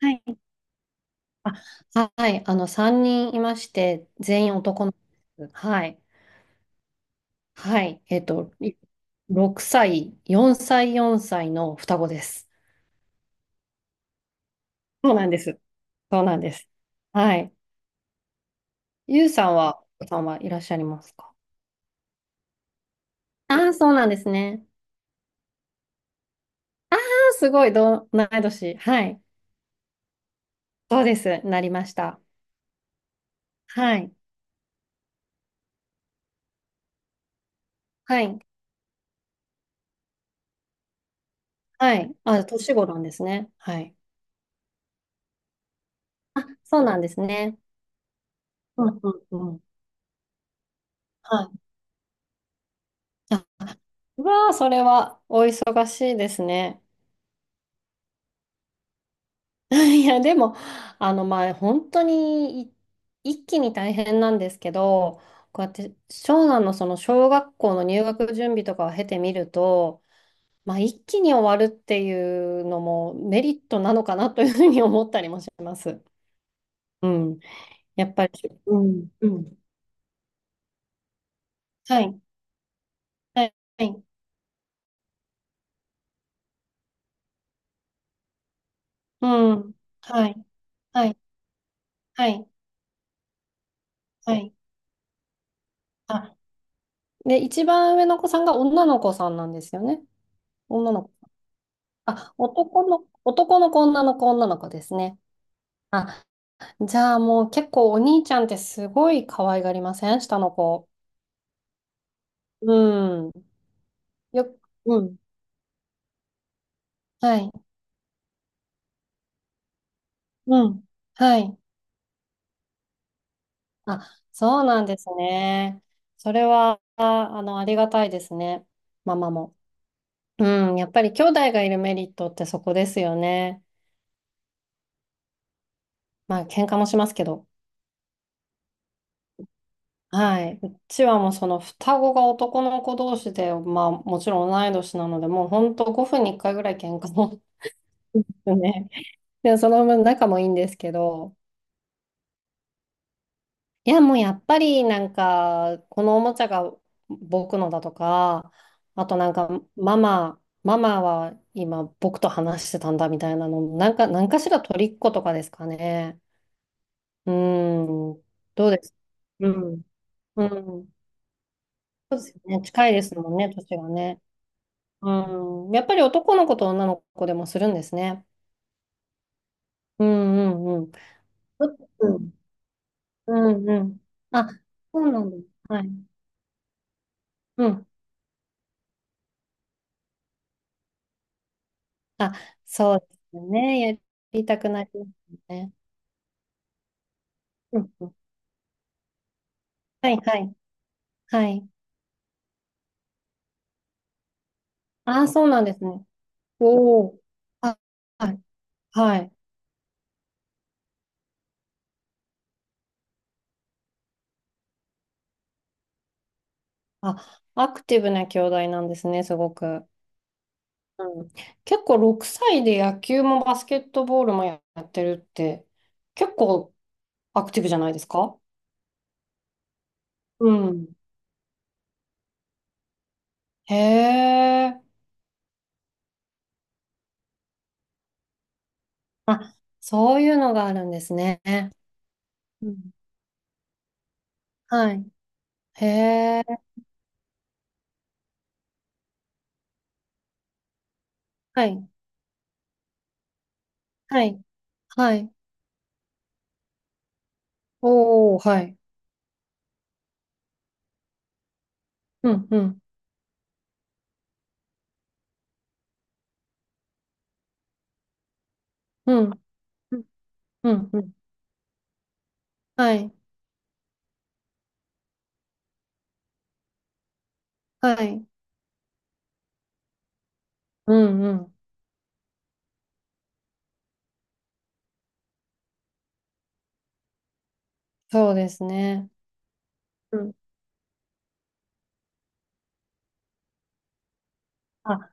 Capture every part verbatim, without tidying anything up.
はい。あ、はい。あの、さんにんいまして、全員男の子です。はい。はい。えっと、いろくさい、よんさい、よんさいの双子です。そうなんです。そうなんです。はい。ゆうさんは、お子さんはいらっしゃいますか？ああー、そうなんですね。ああ、すごい、同同い年。はい。そうです。なりました。はい。はい。はい。あ、年頃なんですね。はい。あ、そうなんですね。うんうんうん。はい。あ、うわあ、それはお忙しいですね。いや、でも、あの、まあ、本当にい一気に大変なんですけど、こうやって長男のその小学校の入学準備とかを経てみると、まあ、一気に終わるっていうのもメリットなのかなというふうに思ったりもします。うん。やっぱり、うん、うん。はい、はい、はい、うん、はい、はい、はい、はい。で、一番上の子さんが女の子さんなんですよね。女の子。あ、男の、男の子、女の子、女の子ですね。あ、じゃあもう結構お兄ちゃんってすごい可愛がりません下の子？うん。よ、うん。はい。うん。はい。あ、そうなんですね。それは、ああの、ありがたいですね。ママも。うん。やっぱり兄弟がいるメリットってそこですよね。まあ、喧嘩もしますけど。はい。うちはもうその双子が男の子同士で、まあもちろん同い年なので、もう本当ごふんにいっかいぐらい喧嘩もですね。で、その分仲もいいんですけど、いやもうやっぱりなんか、このおもちゃが僕のだとか、あとなんかママ、ママは今僕と話してたんだみたいなの、なんか、何かしら取りっことかですかね。うん。どうです？うん。うん。そうですよね。近いですもんね、年がね。うん、やっぱり男の子と女の子でもするんですね。うんうんうん。うんうんうん。あ、そうなんだ。はい。うん。あ、そうですよね。やりたくなりますね。うんうん。はいはい。はい。ああ、そうなんですね。おお。あ、はい。はい。あ、アクティブな兄弟なんですね、すごく。うん。結構ろくさいで野球もバスケットボールもやってるって、結構アクティブじゃないですか？うん。へえ。あ、そういうのがあるんですね。うん。はい。へえ。はい。はい。はい。おー、はい。うん、うん、うん、うん、うん。うん、はい。はい。うん、うん。そうですね。うん。あ、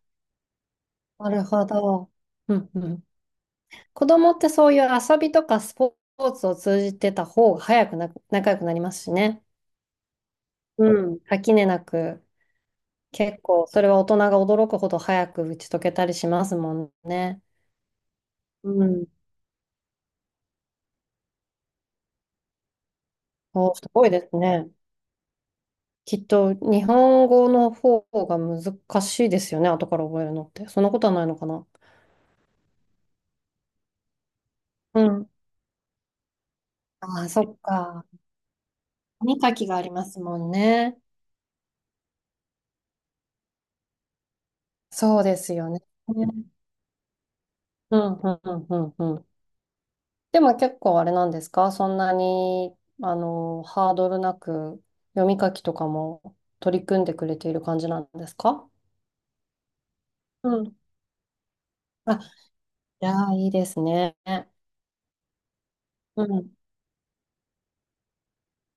なるほど。うん、うん。子供ってそういう遊びとかスポーツを通じてた方が早くな、仲良くなりますしね。うん。垣根なく。結構、それは大人が驚くほど早く打ち解けたりしますもんね。うん。お、すごいですね。きっと、日本語の方が難しいですよね。後から覚えるのって。そんなことはないのかな。うん。ああ、そっか。読み書きがありますもんね。そうですよね。うん、うん、うん、うん。うん。でも結構あれなんですかそんなに、あの、ハードルなく読み書きとかも取り組んでくれている感じなんですか？うん。あ、いやー、いいですね。うん。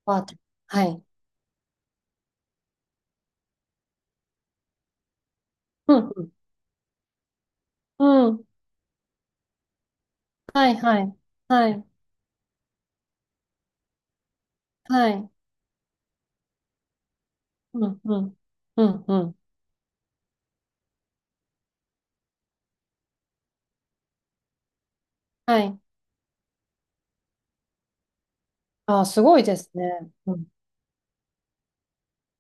パーティー。はい。うん、うん。うん。はい、はい。はい。はい。うん、うん。うん、うん。はい。あー、すごいですね。うん。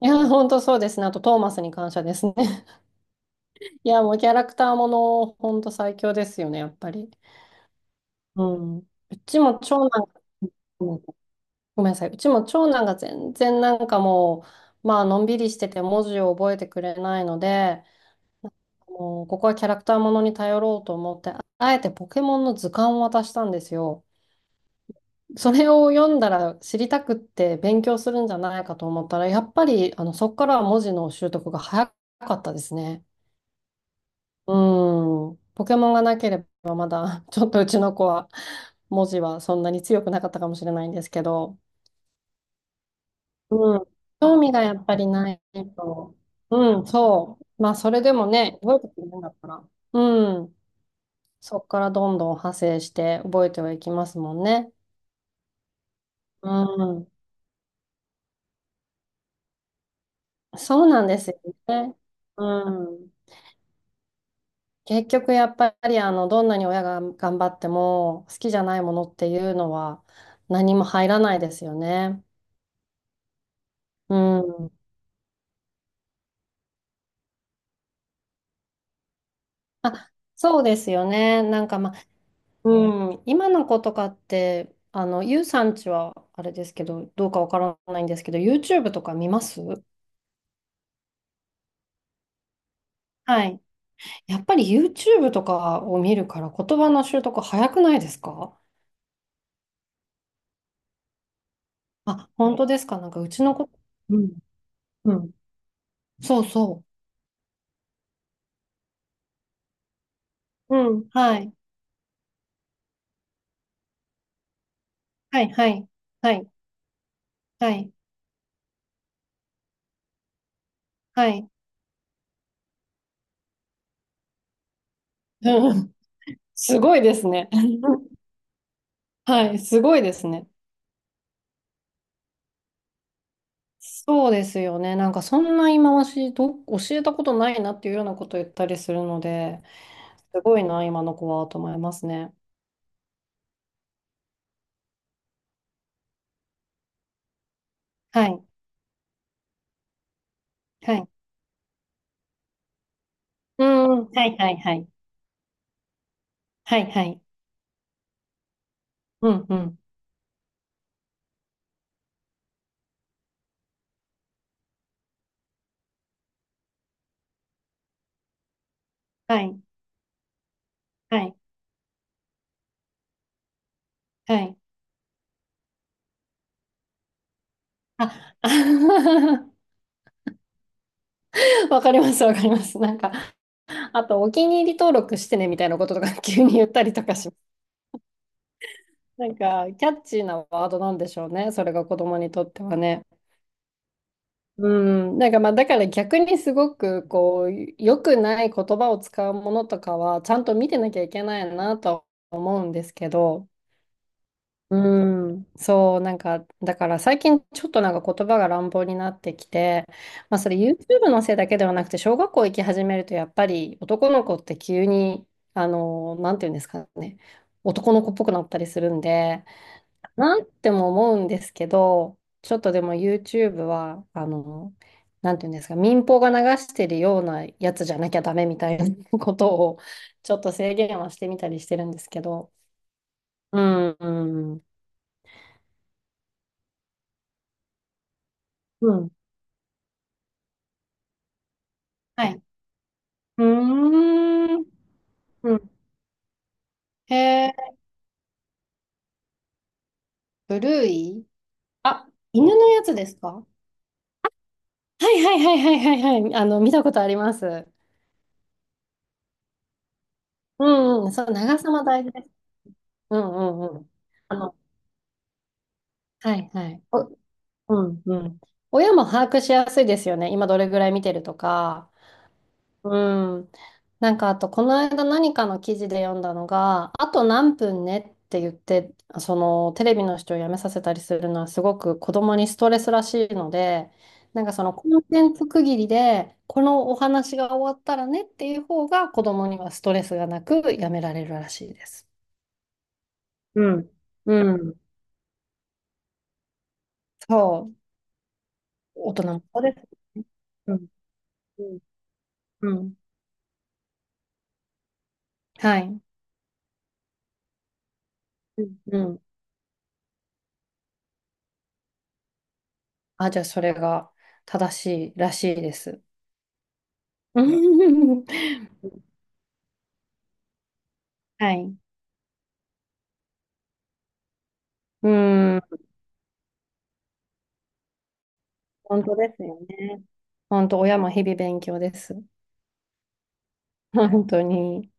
いや本当そうですね。あと、トーマスに感謝ですね。いやもうキャラクターもの、本当最強ですよね、やっぱり。うん。うちも長男、うん。ごめんなさい。うちも長男が全然なんかもう、まあ、のんびりしてて文字を覚えてくれないので、もうここはキャラクターものに頼ろうと思って、あえてポケモンの図鑑を渡したんですよ。それを読んだら知りたくって勉強するんじゃないかと思ったら、やっぱりあのそこからは文字の習得が早かったですね。うん。ポケモンがなければまだ ちょっとうちの子は文字はそんなに強くなかったかもしれないんですけど、うん。興味がやっぱりないと。うん、そう。まあそれでもね、覚えてくれるんだったら。うん。そこからどんどん派生して覚えてはいきますもんね。うん。そうなんですよね。うん。結局やっぱりあの、どんなに親が頑張っても好きじゃないものっていうのは何も入らないですよね。うん。あ、そうですよね。なんかまあ、うん。今の子とかって、あの、ゆうさんちはあれですけど、どうかわからないんですけど、YouTube とか見ます？はい。やっぱり YouTube とかを見るから言葉の習得早くないですか？あ、本当ですか？なんかうちの子、うん、うん。そうそう。うん、はい。はい、はい、はい、はい、はい。うん、すごいですね。はい、すごいですね。そうですよね。なんかそんな今ましど、教えたことないなっていうようなことを言ったりするので、すごいな、今の子はと思いますね。はい、はい。うん、うん、はい、はい、はい。はい、はい。うん、うん。はい、はい。はい。あ、わかります、わかります。なんか、あと、お気に入り登録してねみたいなこととか 急に言ったりとかします。なんか、キャッチーなワードなんでしょうね。それが子供にとってはね。うん。なんか、まあ、だから逆にすごく、こう、良くない言葉を使うものとかは、ちゃんと見てなきゃいけないなとは思うんですけど、うん、そう、なんか、だから最近ちょっとなんか言葉が乱暴になってきて、まあそれ YouTube のせいだけではなくて、小学校行き始めるとやっぱり男の子って急に、あの、なんていうんですかね、男の子っぽくなったりするんで、なんても思うんですけど、ちょっとでも YouTube は、あの、なんていうんですか、民放が流してるようなやつじゃなきゃダメみたいなことを、ちょっと制限はしてみたりしてるんですけど、うん、うん、うん。はい。うーん。うん。へえ、ブルーイ、あ、犬のやつですか？はいはいはいはいはいはい。あの、見たことあります。うんうん。そう、長さも大事です。うんうんうん。あの、はいはい。お、うんうん。親も把握しやすいですよね。今どれぐらい見てるとか。うん。なんかあと、この間何かの記事で読んだのが、あと何分ねって言って、そのテレビの視聴をやめさせたりするのはすごく子供にストレスらしいので、なんかそのコンテンツ区切りで、このお話が終わったらねっていう方が子供にはストレスがなくやめられるらしいです。うん。うん。そう。大人もそうですね。うん。うん。うん、はい。うん。うん、あ、じゃあそれが正しいらしいです。うん はい。うん。本当ですよね。本当、親も日々勉強です。本当に。